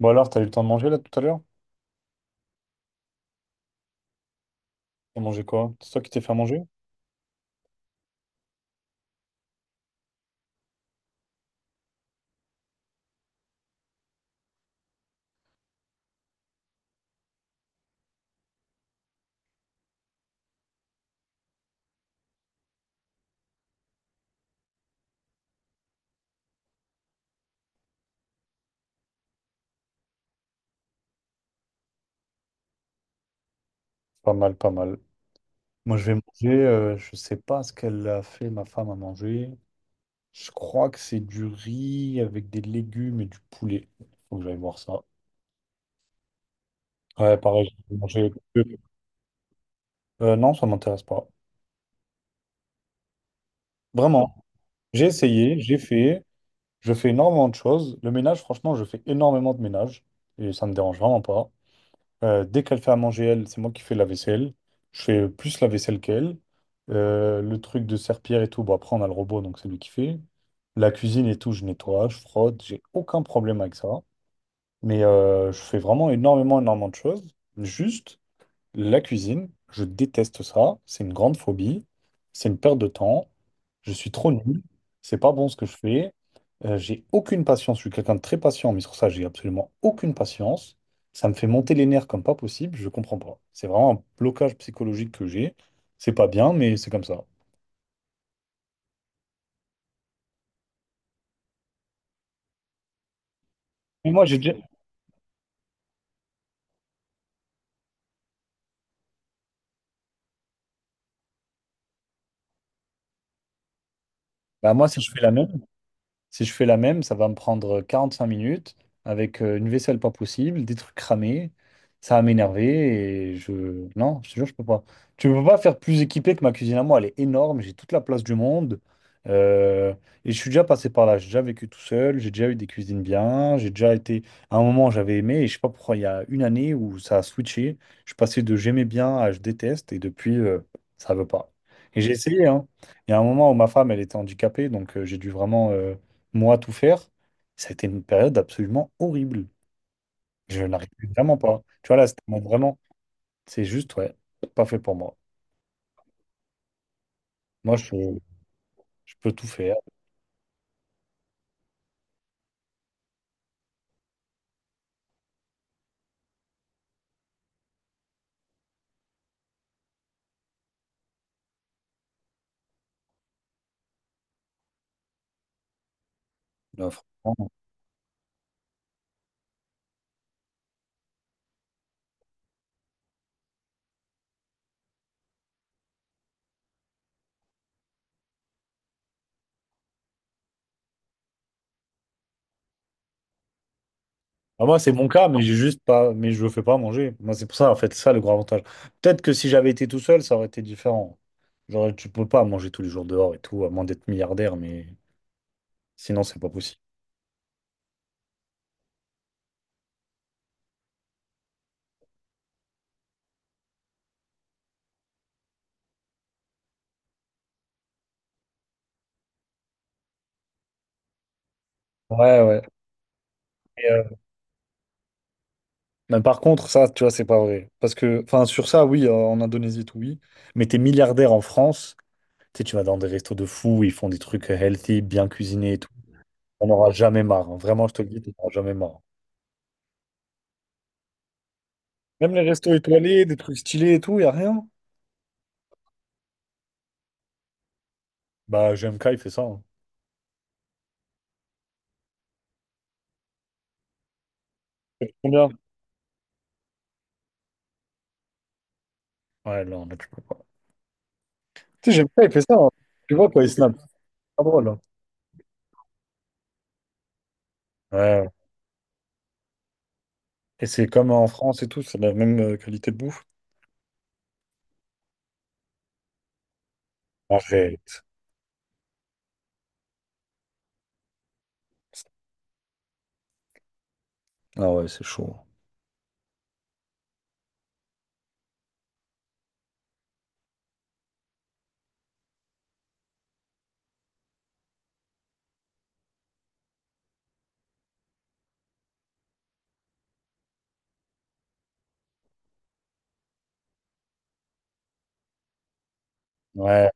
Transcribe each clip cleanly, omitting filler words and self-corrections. Bon alors, t'as eu le temps de manger là tout à l'heure? T'as mangé quoi? C'est toi qui t'es fait à manger? Pas mal, pas mal. Moi, je vais manger, je sais pas ce qu'elle a fait, ma femme, à manger. Je crois que c'est du riz avec des légumes et du poulet. Faut que j'aille voir ça. Ouais, pareil, j'ai mangé. Non, ça m'intéresse pas. Vraiment, j'ai essayé, j'ai fait, je fais énormément de choses. Le ménage, franchement, je fais énormément de ménage et ça me dérange vraiment pas. Dès qu'elle fait à manger, elle, c'est moi qui fais la vaisselle. Je fais plus la vaisselle qu'elle. Le truc de serpillère et tout, bon, après, on a le robot, donc c'est lui qui fait. La cuisine et tout, je nettoie, je frotte, j'ai aucun problème avec ça. Mais je fais vraiment énormément, énormément de choses. Juste, la cuisine, je déteste ça. C'est une grande phobie. C'est une perte de temps. Je suis trop nul. C'est pas bon ce que je fais. J'ai aucune patience. Je suis quelqu'un de très patient, mais sur ça, j'ai absolument aucune patience. Ça me fait monter les nerfs comme pas possible. Je comprends pas. C'est vraiment un blocage psychologique que j'ai. C'est pas bien, mais c'est comme ça. Mais moi, j'ai déjà... Bah, moi, si je fais la même, si je fais la même, ça va me prendre 45 minutes avec une vaisselle pas possible, des trucs cramés. Ça va m'énerver et je... Non, je te jure, je peux pas. Tu peux pas faire plus équipé que ma cuisine à moi. Elle est énorme, j'ai toute la place du monde. Euh, Et je suis déjà passé par là. J'ai déjà vécu tout seul, j'ai déjà eu des cuisines bien. J'ai déjà été... À un moment, j'avais aimé et je sais pas pourquoi, il y a une année où ça a switché. Je suis passé de j'aimais bien à je déteste et depuis, ça veut pas. Et j'ai essayé, hein. Il y a un moment où ma femme, elle était handicapée, donc j'ai dû vraiment... moi, tout faire, ça a été une période absolument horrible. Je n'arrivais vraiment pas. Tu vois, là, c'était mon- vraiment, c'est juste, ouais, pas fait pour moi. Moi, je peux tout faire. Là, franchement. Ah, moi, c'est mon cas, mais j'ai juste pas, mais je ne fais pas à manger. Moi, c'est pour ça, en fait, c'est ça le grand avantage. Peut-être que si j'avais été tout seul, ça aurait été différent. Genre, tu peux pas manger tous les jours dehors et tout, à moins d'être milliardaire, mais sinon, c'est pas possible. Ouais, ouais. Et, mais par contre, ça, tu vois, c'est pas vrai. Parce que, enfin, sur ça, oui, en Indonésie, tout, oui. Mais t'es milliardaire en France. Tu sais, tu vas dans des restos de fous, ils font des trucs healthy, bien cuisinés et tout. On n'aura jamais marre, hein. Vraiment, je te le dis, tu n'auras jamais marre. Même les restos étoilés, des trucs stylés et tout, y a rien. Bah, GMK, il fait ça, hein. C'est trop bien. Ouais, non, là, tu peux pas. Tu sais, j'aime pas, il fait ça, hein. Tu vois, quoi, il snap. C'est pas drôle, hein. Ouais, ouais. Et c'est comme en France et tout, c'est la même qualité de bouffe. Arrête. Ah ouais, c'est chaud. Ouais,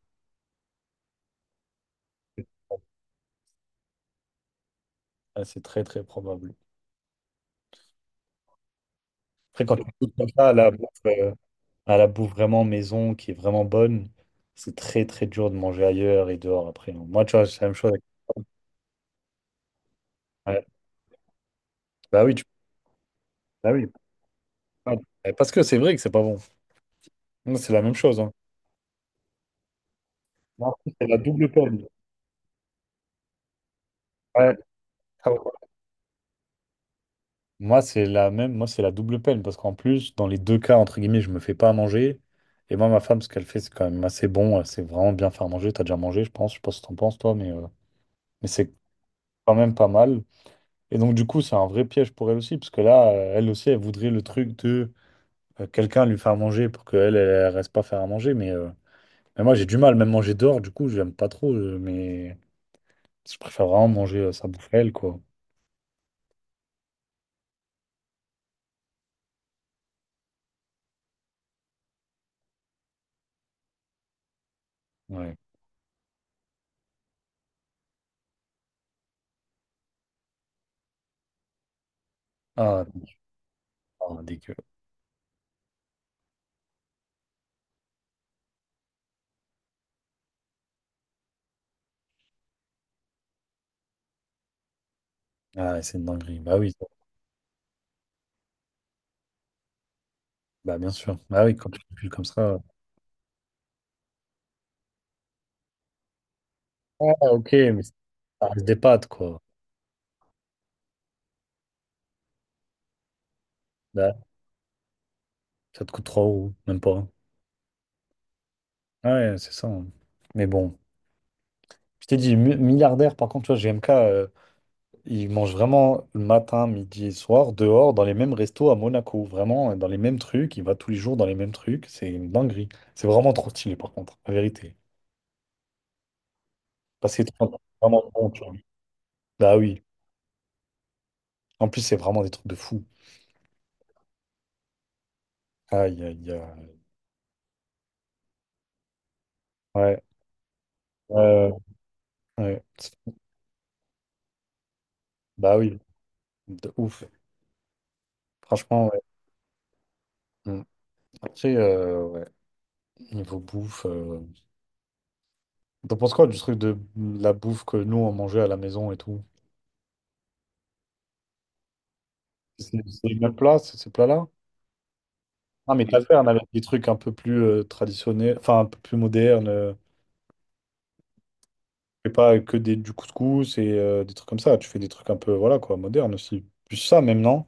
ouais, c'est très, très probable. Après, quand tu goûtes comme ça, la bouffe, à la bouffe vraiment maison qui est vraiment bonne, c'est très très dur de manger ailleurs et dehors après, hein. Moi, tu vois, c'est la même chose. Avec- Ouais. Bah oui, tu- bah oui. Ah, bah, parce que c'est vrai que c'est pas bon. Moi, c'est la même chose, hein. Moi, c'est la double peine. Ouais. Ah ouais. Moi, c'est la même. Moi, c'est la double peine parce qu'en plus, dans les deux cas, entre guillemets, je me fais pas à manger. Et moi, ma femme, ce qu'elle fait, c'est quand même assez bon. Elle sait vraiment bien faire manger. T'as déjà mangé, je pense. Je sais pas si t'en penses, toi, mais c'est quand même pas mal. Et donc, du coup, c'est un vrai piège pour elle aussi, parce que là, elle aussi, elle voudrait le truc de. Quelqu'un lui faire manger pour qu'elle, elle, elle reste pas faire à manger. Mais moi, j'ai du mal, même manger dehors, du coup, j'aime pas trop. Mais je préfère vraiment manger sa bouffe à elle, quoi. Ouais. Ah, non, ah, dégueu. Ah, ouais, c'est une dinguerie. Bah oui, ça- bah bien sûr. Bah oui, quand tu cules comme ça. Ah, ok, mais ça reste des pâtes, quoi. Bah, ça te coûte 3 euros, même pas, hein. Ouais, c'est ça, hein. Mais bon, je t'ai dit, mi- milliardaire, par contre, tu vois, GMK. Ils mangent vraiment le matin, midi et soir dehors dans les mêmes restos à Monaco. Vraiment dans les mêmes trucs. Il va tous les jours dans les mêmes trucs. C'est une dinguerie. C'est vraiment trop stylé par contre, la vérité. Passer trop de temps, c'est vraiment bon, tu vois. Bah oui. En plus, c'est vraiment des trucs de fou. Aïe, aïe, aïe. Ouais. Euh, ouais, ouais. Bah oui. De ouf. Franchement, ouais. Mm. Après, ouais. Niveau bouffe. T'en penses quoi du truc de la bouffe que nous on mangeait à la maison et tout? C'est les mêmes plats, ces ces plats-là? Non, mais t'as fait un avec des trucs un peu plus traditionnels, enfin un peu plus modernes. Euh. Tu fais pas que des, du couscous et des trucs comme ça. Tu fais des trucs un peu, voilà quoi, modernes aussi. Plus ça, même, non?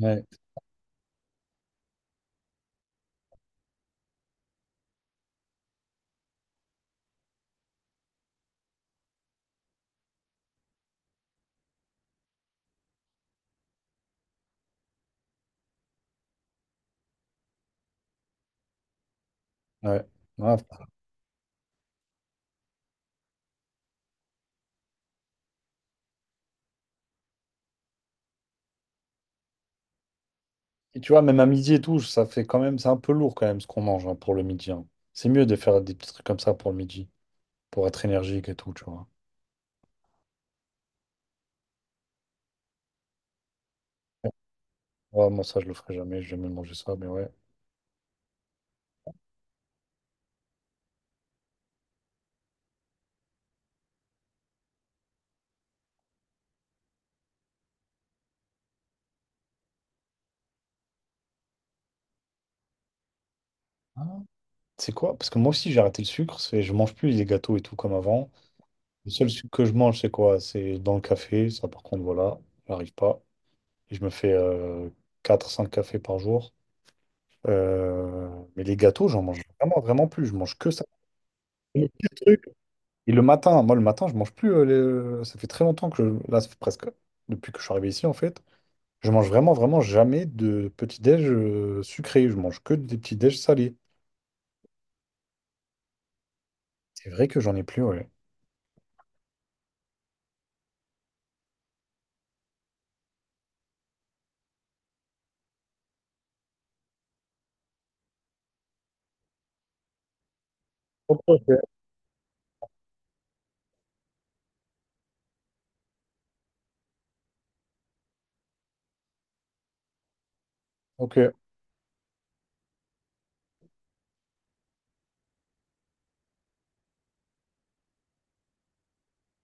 Ouais. Ouais. Ouais. Et tu vois, même à midi et tout, ça fait quand même, c'est un peu lourd quand même ce qu'on mange hein, pour le midi, hein. C'est mieux de faire des petits trucs comme ça pour le midi, pour être énergique et tout, tu vois. Ouais, moi, ça, je le ferai jamais, j'ai jamais mangé ça, mais ouais. Ah. C'est quoi? Parce que moi aussi, j'ai arrêté le sucre, c'est- je mange plus les gâteaux et tout comme avant. Le seul sucre que je mange, c'est quoi? C'est dans le café. Ça, par contre, voilà, j'arrive pas. Et je me fais 4 ou 5 cafés par jour. Euh, mais les gâteaux, j'en mange vraiment, vraiment plus. Je mange que ça. Le pire truc. Et le matin, moi, le matin, je mange plus. Les- Ça fait très longtemps que je... Là, ça fait presque depuis que je suis arrivé ici, en fait. Je mange vraiment, vraiment jamais de petit-déj sucré. Je mange que des petits-déj salés. C'est vrai que j'en ai plus, ouais. Ok, ok. Ok,